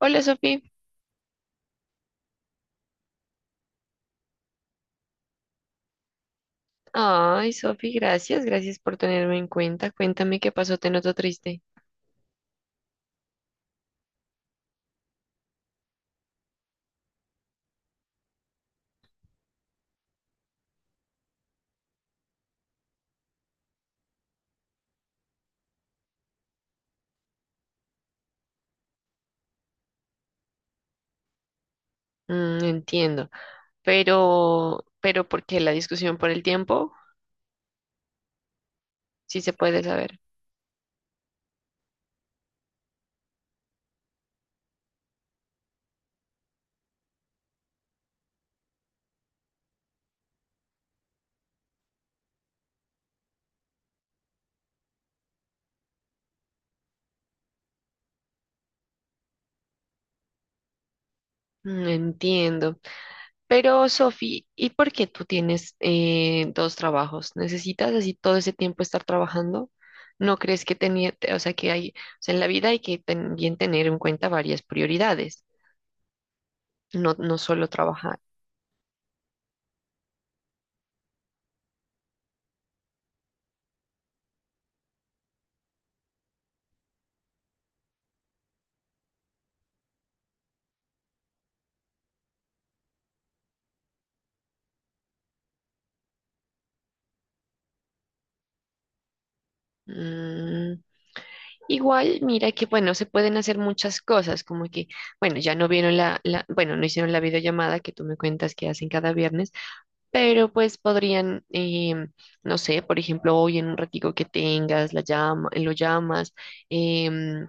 Hola, Sofi. Ay, Sofi, gracias, gracias por tenerme en cuenta. Cuéntame qué pasó, te noto triste. Mm, entiendo, pero, ¿por qué la discusión por el tiempo? Sí se puede saber. Mm, entiendo. Pero, Sofi, ¿y por qué tú tienes dos trabajos? ¿Necesitas así todo ese tiempo estar trabajando? ¿No crees que tenía, o sea, que hay, o sea, en la vida hay que también tener en cuenta varias prioridades, no, no solo trabajar. Mm, igual, mira que, bueno, se pueden hacer muchas cosas, como que, bueno, ya no vieron bueno, no hicieron la videollamada que tú me cuentas que hacen cada viernes, pero pues podrían, no sé, por ejemplo, hoy en un ratico que tengas, la llama, lo llamas, em,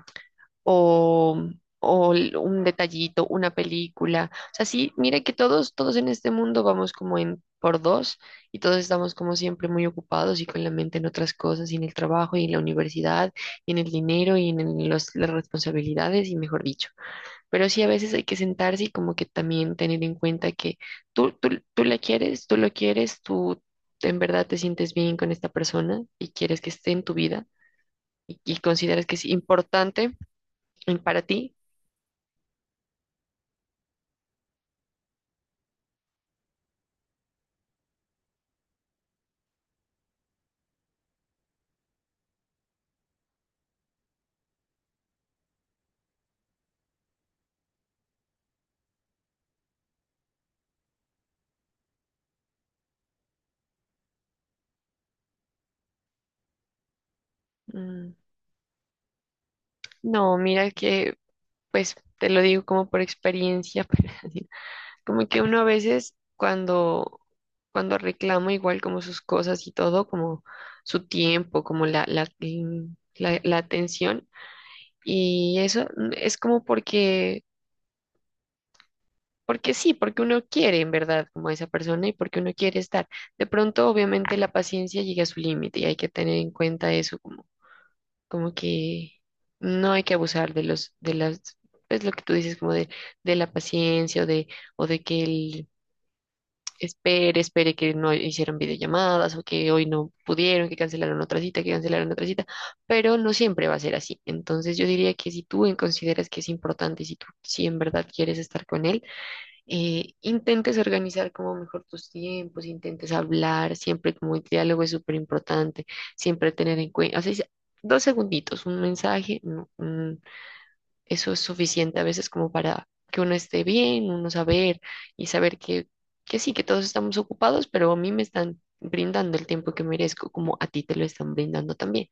o, un detallito, una película. O sea, sí, mire que todos, todos en este mundo vamos como en por dos y todos estamos como siempre muy ocupados y con la mente en otras cosas, y en el trabajo, y en la universidad, y en el dinero, y en las responsabilidades, y mejor dicho. Pero sí, a veces hay que sentarse y como que también tener en cuenta que tú la quieres, tú lo quieres, tú en verdad te sientes bien con esta persona y quieres que esté en tu vida y consideras que es importante para ti. Mm, no, mira que, pues te lo digo como por experiencia, pero así, como que uno a veces cuando reclama igual como sus cosas y todo, como su tiempo, como la atención y eso es como porque, porque sí, porque uno quiere en verdad como a esa persona y porque uno quiere estar. De pronto, obviamente, la paciencia llega a su límite y hay que tener en cuenta eso como como que no hay que abusar de de las, pues lo que tú dices, como de la paciencia o de que él espere, espere que no hicieron videollamadas o que hoy no pudieron, que cancelaron otra cita, pero no siempre va a ser así. Entonces yo diría que si tú consideras que es importante y si tú, si en verdad quieres estar con él, intentes organizar como mejor tus tiempos, intentes hablar, siempre como el diálogo es súper importante, siempre tener en cuenta, así sea, dos segunditos, un mensaje, no, eso es suficiente a veces como para que uno esté bien, uno saber y saber que sí, que todos estamos ocupados, pero a mí me están brindando el tiempo que merezco, como a ti te lo están brindando también.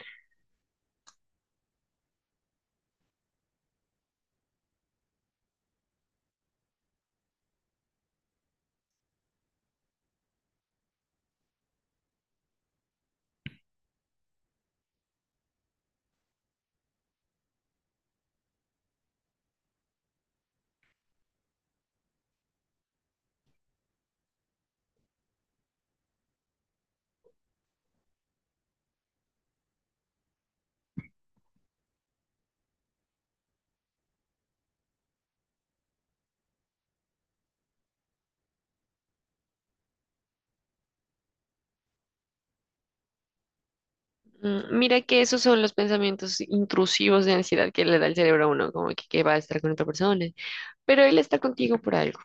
Mm, mira que esos son los pensamientos intrusivos de ansiedad que le da el cerebro a uno, como que va a estar con otra persona, pero él está contigo por algo.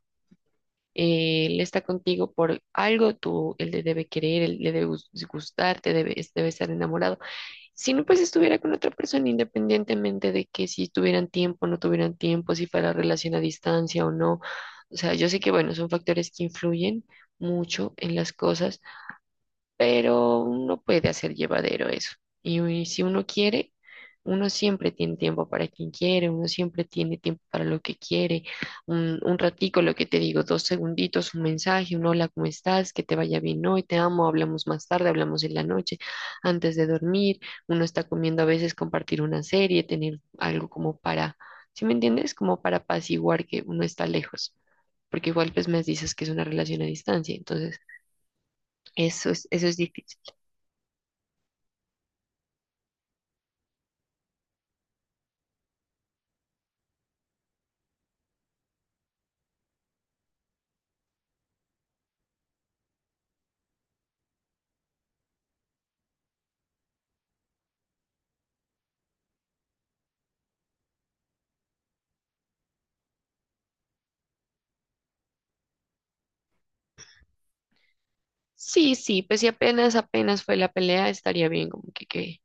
Él está contigo por algo, tú, él le debe querer, él le debe gustar, te debe, debe estar enamorado. Si no, pues estuviera con otra persona, independientemente de que si tuvieran tiempo, no tuvieran tiempo, si fuera relación a distancia o no. O sea, yo sé que, bueno, son factores que influyen mucho en las cosas, pero uno puede hacer llevadero eso. Y si uno quiere, uno siempre tiene tiempo para quien quiere, uno siempre tiene tiempo para lo que quiere. Un ratico, lo que te digo, dos segunditos, un mensaje, un hola, ¿cómo estás? Que te vaya bien hoy, te amo, hablamos más tarde, hablamos en la noche, antes de dormir. Uno está comiendo a veces compartir una serie, tener algo como para, ¿sí me entiendes? Como para apaciguar que uno está lejos. Porque igual pues me dices que es una relación a distancia, entonces eso es difícil. Sí, sí, pues si apenas, apenas fue la pelea, estaría bien, como que, que,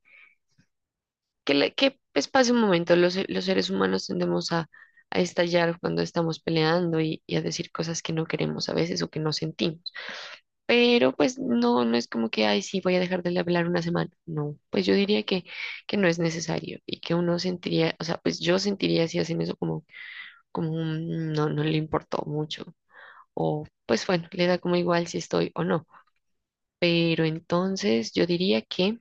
que, le- que, pues pase un momento, los seres humanos tendemos a estallar cuando estamos peleando y a decir cosas que no queremos a veces o que no sentimos, pero pues no, no es como que, ay, sí, voy a dejar de hablar una semana, no, pues yo diría que no es necesario y que uno sentiría, o sea, pues yo sentiría si hacen eso como, como un, no, no le importó mucho o pues bueno, le da como igual si estoy o no, pero entonces yo diría que...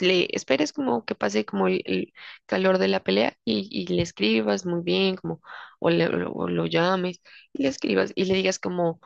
le esperes como que pase como el calor de la pelea y le escribas muy bien, como, o, o lo llames y le escribas y le digas como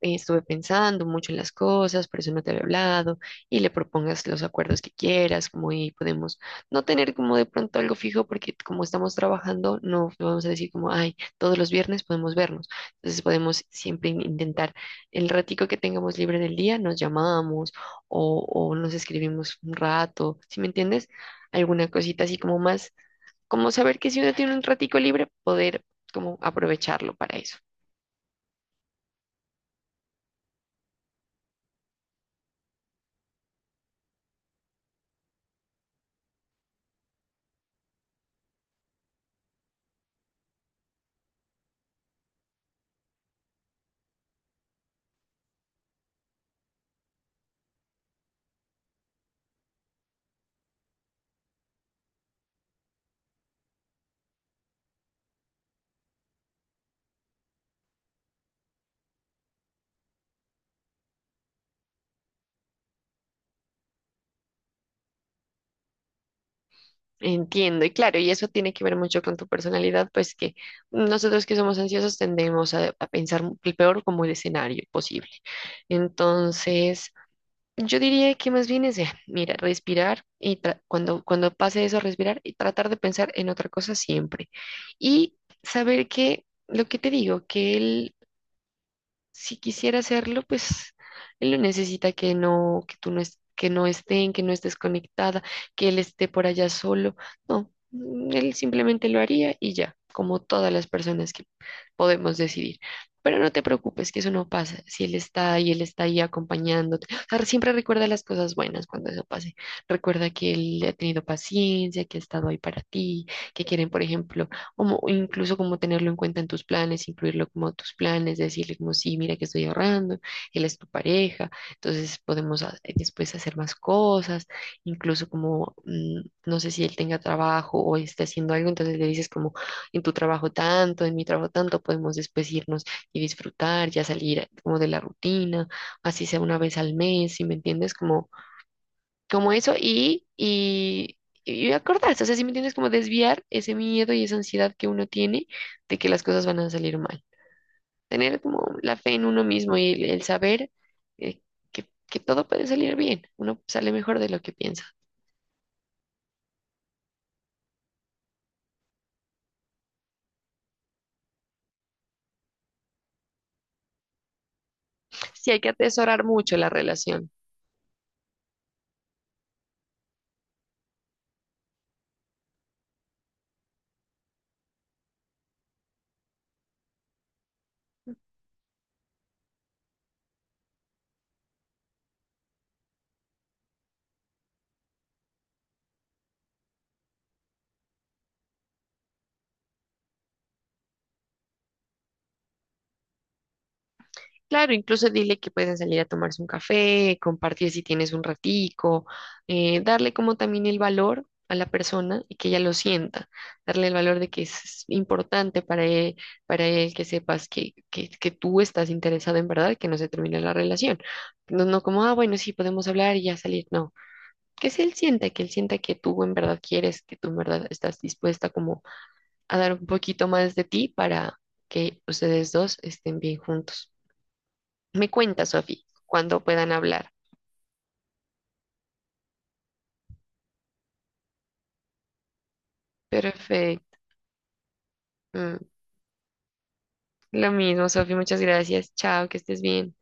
estuve pensando mucho en las cosas, por eso no te había hablado, y le propongas los acuerdos que quieras, como y podemos no tener como de pronto algo fijo, porque como estamos trabajando, no vamos a decir como, ay, todos los viernes podemos vernos. Entonces podemos siempre intentar el ratico que tengamos libre del día, nos llamamos o nos escribimos un rato, ¿sí me entiendes? Alguna cosita así como más, como saber que si uno tiene un ratico libre, poder como aprovecharlo para eso. Entiendo, y claro, y eso tiene que ver mucho con tu personalidad, pues que nosotros que somos ansiosos tendemos a pensar el peor como el escenario posible. Entonces, yo diría que más bien es, mira, respirar y cuando, cuando pase eso, respirar y tratar de pensar en otra cosa siempre. Y saber que, lo que te digo, que el si quisiera hacerlo, pues él no necesita que no, que tú no es, que no estén, que no estés conectada, que él esté por allá solo. No, mm, él simplemente lo haría y ya, como todas las personas que podemos decidir. Pero no te preocupes, que eso no pasa. Si él está ahí, él está ahí acompañándote. O sea, siempre recuerda las cosas buenas cuando eso pase. Recuerda que él ha tenido paciencia, que ha estado ahí para ti, que quieren, por ejemplo, o incluso como tenerlo en cuenta en tus planes, incluirlo como tus planes, decirle como sí, mira que estoy ahorrando, él es tu pareja, entonces podemos después hacer más cosas, incluso como no sé si él tenga trabajo o esté haciendo algo, entonces le dices como en tu trabajo tanto, en mi trabajo tanto, podemos después irnos y disfrutar, ya salir como de la rutina, así sea una vez al mes, ¿si me entiendes? Como como eso y acordarse, o sea, si me entiendes, como desviar ese miedo y esa ansiedad que uno tiene de que las cosas van a salir mal. Tener como la fe en uno mismo y el saber eh, que todo puede salir bien, uno sale mejor de lo que piensa. Sí, hay que atesorar mucho la relación. Claro, incluso dile que pueden salir a tomarse un café, compartir si tienes un ratico, darle como también el valor a la persona y que ella lo sienta, darle el valor de que es importante para él que sepas que, que tú estás interesado en verdad, que no se termine la relación. No, no como, ah, bueno, sí, podemos hablar y ya salir, no. Que si él sienta, que él sienta que tú en verdad quieres, que tú en verdad estás dispuesta como a dar un poquito más de ti para que ustedes dos estén bien juntos. Me cuenta, Sofi, cuando puedan hablar. Perfecto. Mm, lo mismo, Sofi, muchas gracias. Chao, que estés bien.